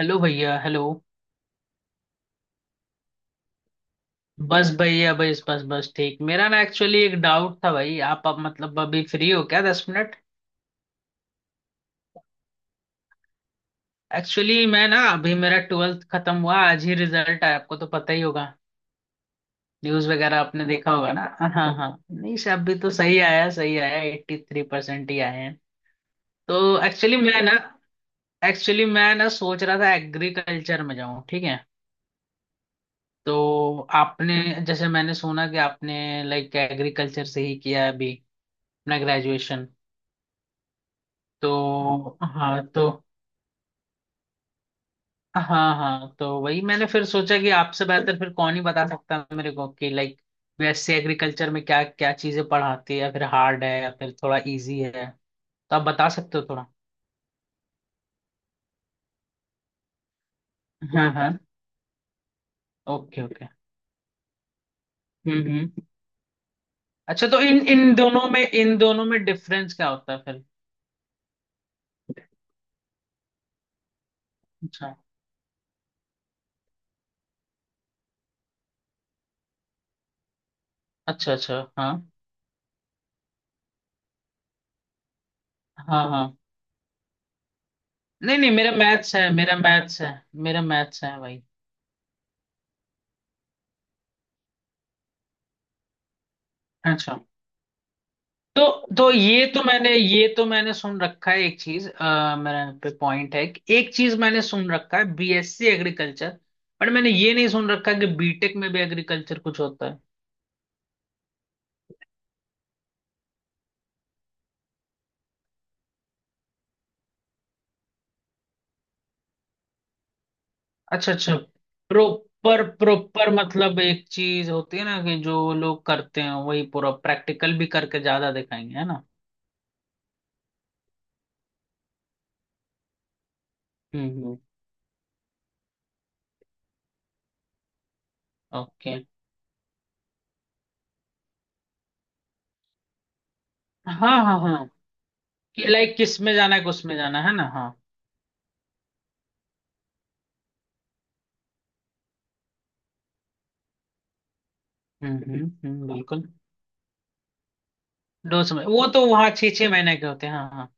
Hello भैया। Hello. बस भैया, बस बस बस ठीक। मेरा ना, एक्चुअली, एक डाउट था भाई। आप मतलब अभी फ्री हो क्या, दस मिनट? एक्चुअली मैं ना, अभी मेरा ट्वेल्थ खत्म हुआ, आज ही रिजल्ट आया, आपको तो पता ही होगा। न्यूज वगैरह आपने देखा होगा ना? हाँ। हाँ, नहीं, सब भी तो सही आया, सही आया, एट्टी थ्री परसेंट ही आए हैं। तो एक्चुअली मैं ना एक्चुअली मैं ना सोच रहा था एग्रीकल्चर में जाऊँ, ठीक है? तो आपने जैसे मैंने सुना कि आपने लाइक एग्रीकल्चर से ही किया है अभी अपना ग्रेजुएशन। तो, हाँ, तो, हाँ हाँ, तो वही मैंने फिर सोचा कि आपसे बेहतर फिर कौन ही बता सकता है मेरे को, कि लाइक, वैसे एग्रीकल्चर में क्या क्या चीजें पढ़ाती है, या फिर हार्ड है, या फिर थोड़ा इजी है, तो आप बता सकते हो थोड़ा। हाँ हाँ। Okay okay. हम्म। अच्छा, तो इन इन दोनों में डिफरेंस क्या होता है फिर? अच्छा। अच्छा अच्छा, हाँ। हाँ हाँ। नहीं नहीं, मेरा मैथ्स है, मेरा मैथ्स है, मेरा मैथ्स है भाई। अच्छा। तो तो ये तो मैंने सुन रखा है एक चीज, मेरा पे पॉइंट है कि एक चीज मैंने सुन रखा है बीएससी एग्रीकल्चर। बट मैंने ये नहीं सुन रखा कि बीटेक में भी एग्रीकल्चर कुछ होता है। अच्छा अच्छा। प्रॉपर प्रॉपर मतलब, एक चीज होती है ना, कि जो लोग करते हैं वही पूरा प्रैक्टिकल भी करके ज्यादा दिखाएंगे, है ना? हम्म। ओके, हाँ हाँ हाँ, कि लाइक किस में जाना है, किस में जाना है ना? हाँ। बिल्कुल। दो समय, वो तो वहाँ छः छः महीने के होते हैं, हाँ हाँ।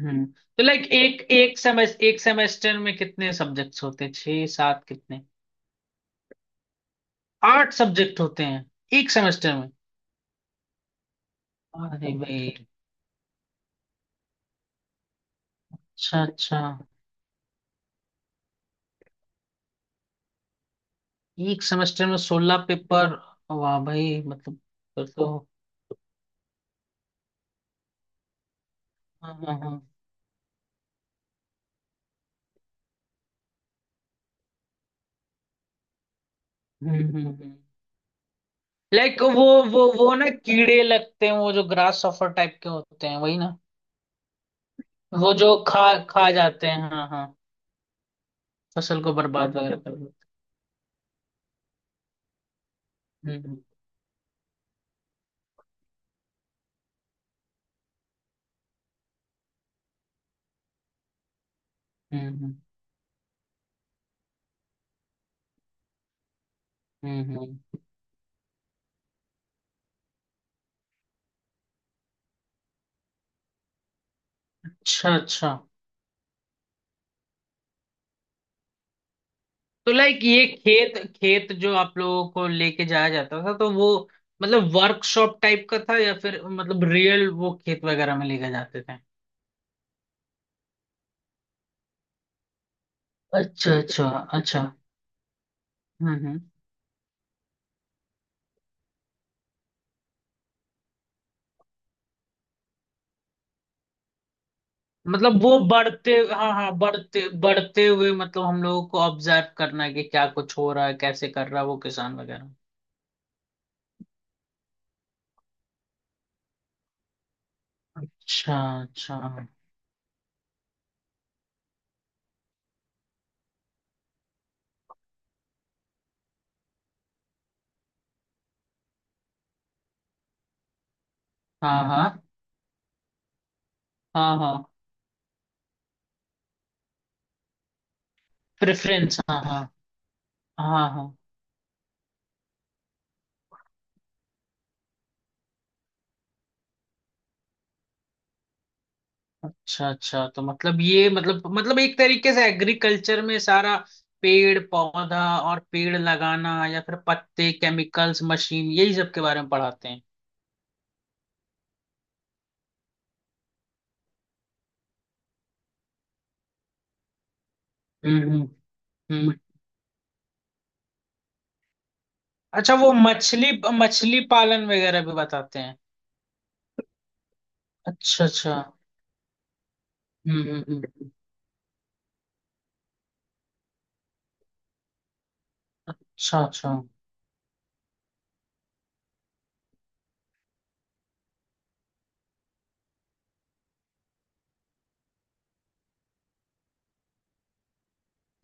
हम्म, तो लाइक एक एक सेमेस एक सेमेस्टर में कितने सब्जेक्ट्स होते हैं, छः सात कितने? आठ सब्जेक्ट होते हैं एक सेमेस्टर में? अरे भाई। अच्छा अच्छा, एक सेमेस्टर में सोलह पेपर? वाह भाई, मतलब। फिर तो, हाँ हाँ हाँ। हम्म। लाइक वो, वो ना कीड़े लगते हैं, वो जो ग्रास सफर टाइप के होते हैं वही ना? वो जो खा खा जाते हैं, हाँ हाँ। फसल को बर्बाद वगैरह कर देते हैं। हम्म हम्म हम्म हम्म। अच्छा अच्छा, तो लाइक ये खेत खेत जो आप लोगों को लेके जाया जाता था, तो वो मतलब वर्कशॉप टाइप का था या फिर मतलब रियल वो खेत वगैरह में लेके जाते थे? अच्छा अच्छा। अच्छा। हम्म। मतलब वो बढ़ते, हाँ हाँ, बढ़ते बढ़ते हुए मतलब हम लोगों को ऑब्जर्व करना है कि क्या कुछ हो रहा है, कैसे कर रहा है वो किसान वगैरह। अच्छा अच्छा, हाँ। हाँ हाँ हाँ प्रेफरेंस, हाँ हाँ। हाँ हाँ। अच्छा अच्छा, तो मतलब ये मतलब, मतलब एक तरीके से एग्रीकल्चर में सारा पेड़ पौधा और पेड़ लगाना या फिर पत्ते, केमिकल्स, मशीन, यही सब के बारे में पढ़ाते हैं। हम्म। हम्म। अच्छा, वो मछली, मछली पालन वगैरह भी बताते हैं? अच्छा अच्छा। हम्म हम्म, हम्म। अच्छा अच्छा।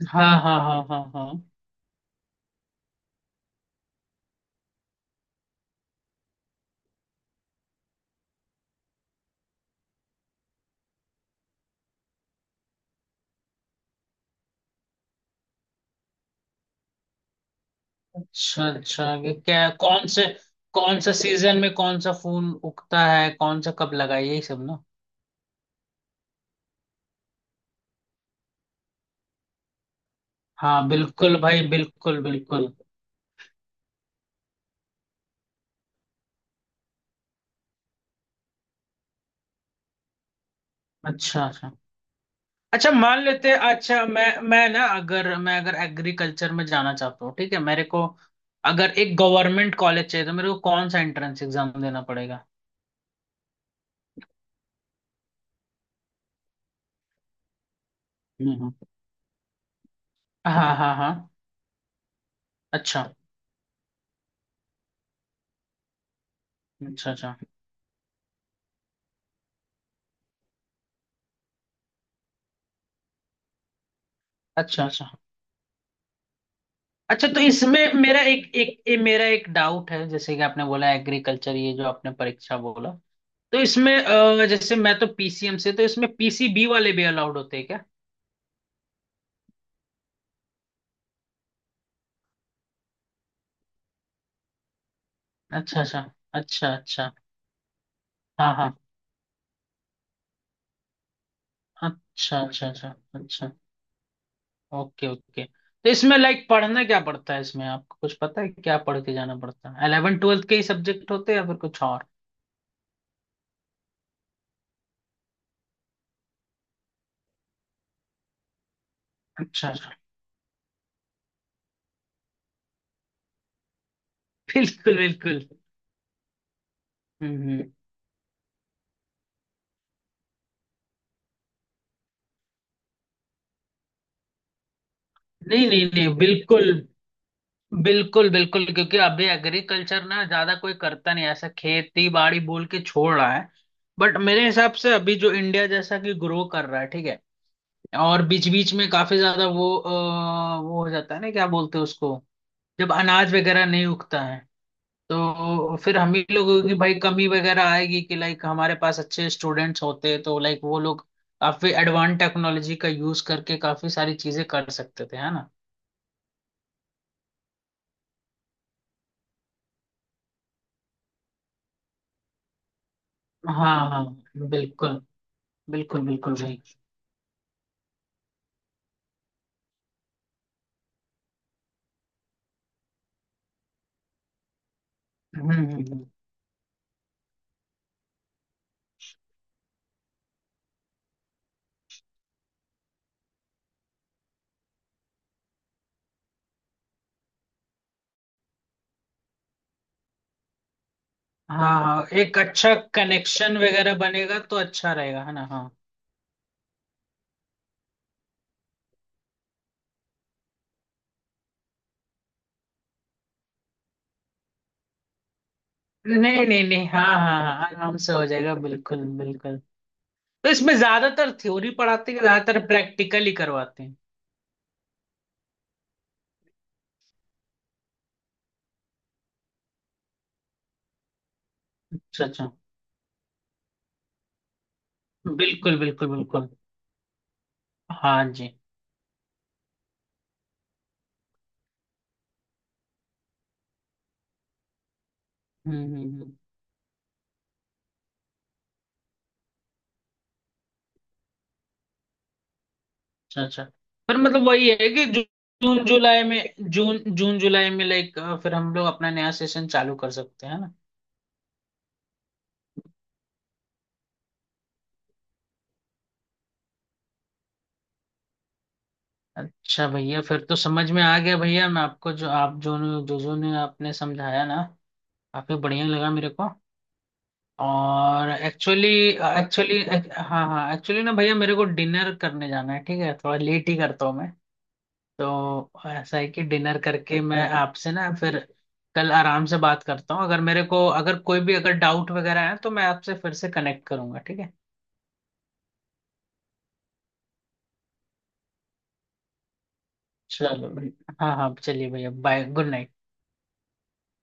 हाँ हाँ हाँ हाँ हाँ। अच्छा अच्छा, ये क्या कौन से, कौन सा सीजन में कौन सा फूल उगता है, कौन सा कब लगा है, यही सब ना? हाँ बिल्कुल भाई, बिल्कुल बिल्कुल। अच्छा अच्छा। अच्छा, मान लेते हैं, अच्छा मैं ना, अगर एग्रीकल्चर में जाना चाहता हूँ ठीक है, मेरे को अगर एक गवर्नमेंट कॉलेज चाहिए, तो मेरे को कौन सा एंट्रेंस एग्जाम देना पड़ेगा? हम्म हम्म। हाँ हाँ हाँ। अच्छा अच्छा। अच्छा अच्छा। अच्छा अच्छा। तो इसमें मेरा एक एक ये मेरा एक डाउट है, जैसे कि आपने बोला एग्रीकल्चर, ये जो आपने परीक्षा बोला, तो इसमें जैसे मैं तो पीसीएम से, तो इसमें पीसीबी वाले भी अलाउड होते हैं क्या? अच्छा अच्छा। अच्छा अच्छा, हाँ हाँ। अच्छा अच्छा। अच्छा अच्छा। Okay okay. तो इसमें लाइक पढ़ना क्या पड़ता है, इसमें आपको कुछ पता है, क्या पढ़ के जाना पड़ता है? 11th 12th के ही सब्जेक्ट होते हैं या फिर कुछ और? अच्छा अच्छा। बिल्कुल बिल्कुल। हम्म हम्म। नहीं नहीं नहीं, बिल्कुल बिल्कुल बिल्कुल, क्योंकि अभी एग्रीकल्चर ना ज्यादा कोई करता नहीं, ऐसा खेती बाड़ी बोल के छोड़ रहा है। बट मेरे हिसाब से अभी जो इंडिया जैसा कि ग्रो कर रहा है, ठीक है, और बीच बीच में काफी ज्यादा वो वो हो जाता है ना, क्या बोलते हैं उसको, जब अनाज वगैरह नहीं उगता है, तो फिर हम ही लोगों की भाई कमी वगैरह आएगी, कि लाइक हमारे पास अच्छे स्टूडेंट्स होते तो लाइक वो लोग काफी एडवांस टेक्नोलॉजी का यूज करके काफी सारी चीजें कर सकते थे, है ना? हाँ हाँ। बिल्कुल बिल्कुल बिल्कुल भाई। हम्म हम्म, हम्म। हाँ हाँ, एक अच्छा कनेक्शन वगैरह बनेगा तो अच्छा रहेगा, है ना? हाँ। नहीं नहीं नहीं, हाँ हाँ हाँ, आराम से हो जाएगा, बिल्कुल बिल्कुल। तो इसमें ज्यादातर थ्योरी पढ़ाते हैं कि ज्यादातर प्रैक्टिकल ही करवाते हैं? अच्छा अच्छा। बिल्कुल बिल्कुल बिल्कुल। हाँ जी। हम्म। अच्छा अच्छा। पर मतलब वही है कि जून जुलाई में, जून जून जुलाई में लाइक फिर हम लोग अपना नया सेशन चालू कर सकते हैं ना? अच्छा भैया, फिर तो समझ में आ गया भैया, मैं आपको जो आप जो जो जो ने आपने समझाया ना, काफी बढ़िया लगा मेरे को। और एक्चुअली, एक्चुअली हाँ हाँ, एक्चुअली ना भैया, मेरे को डिनर करने जाना है ठीक है, थोड़ा लेट ही करता हूँ मैं। तो ऐसा है कि डिनर करके मैं आपसे ना, फिर कल आराम से बात करता हूँ, अगर मेरे को अगर कोई भी अगर डाउट वगैरह है तो मैं आपसे फिर से कनेक्ट करूंगा, ठीक है? चलो भाई। हाँ हाँ, चलिए भैया, बाय, गुड नाइट।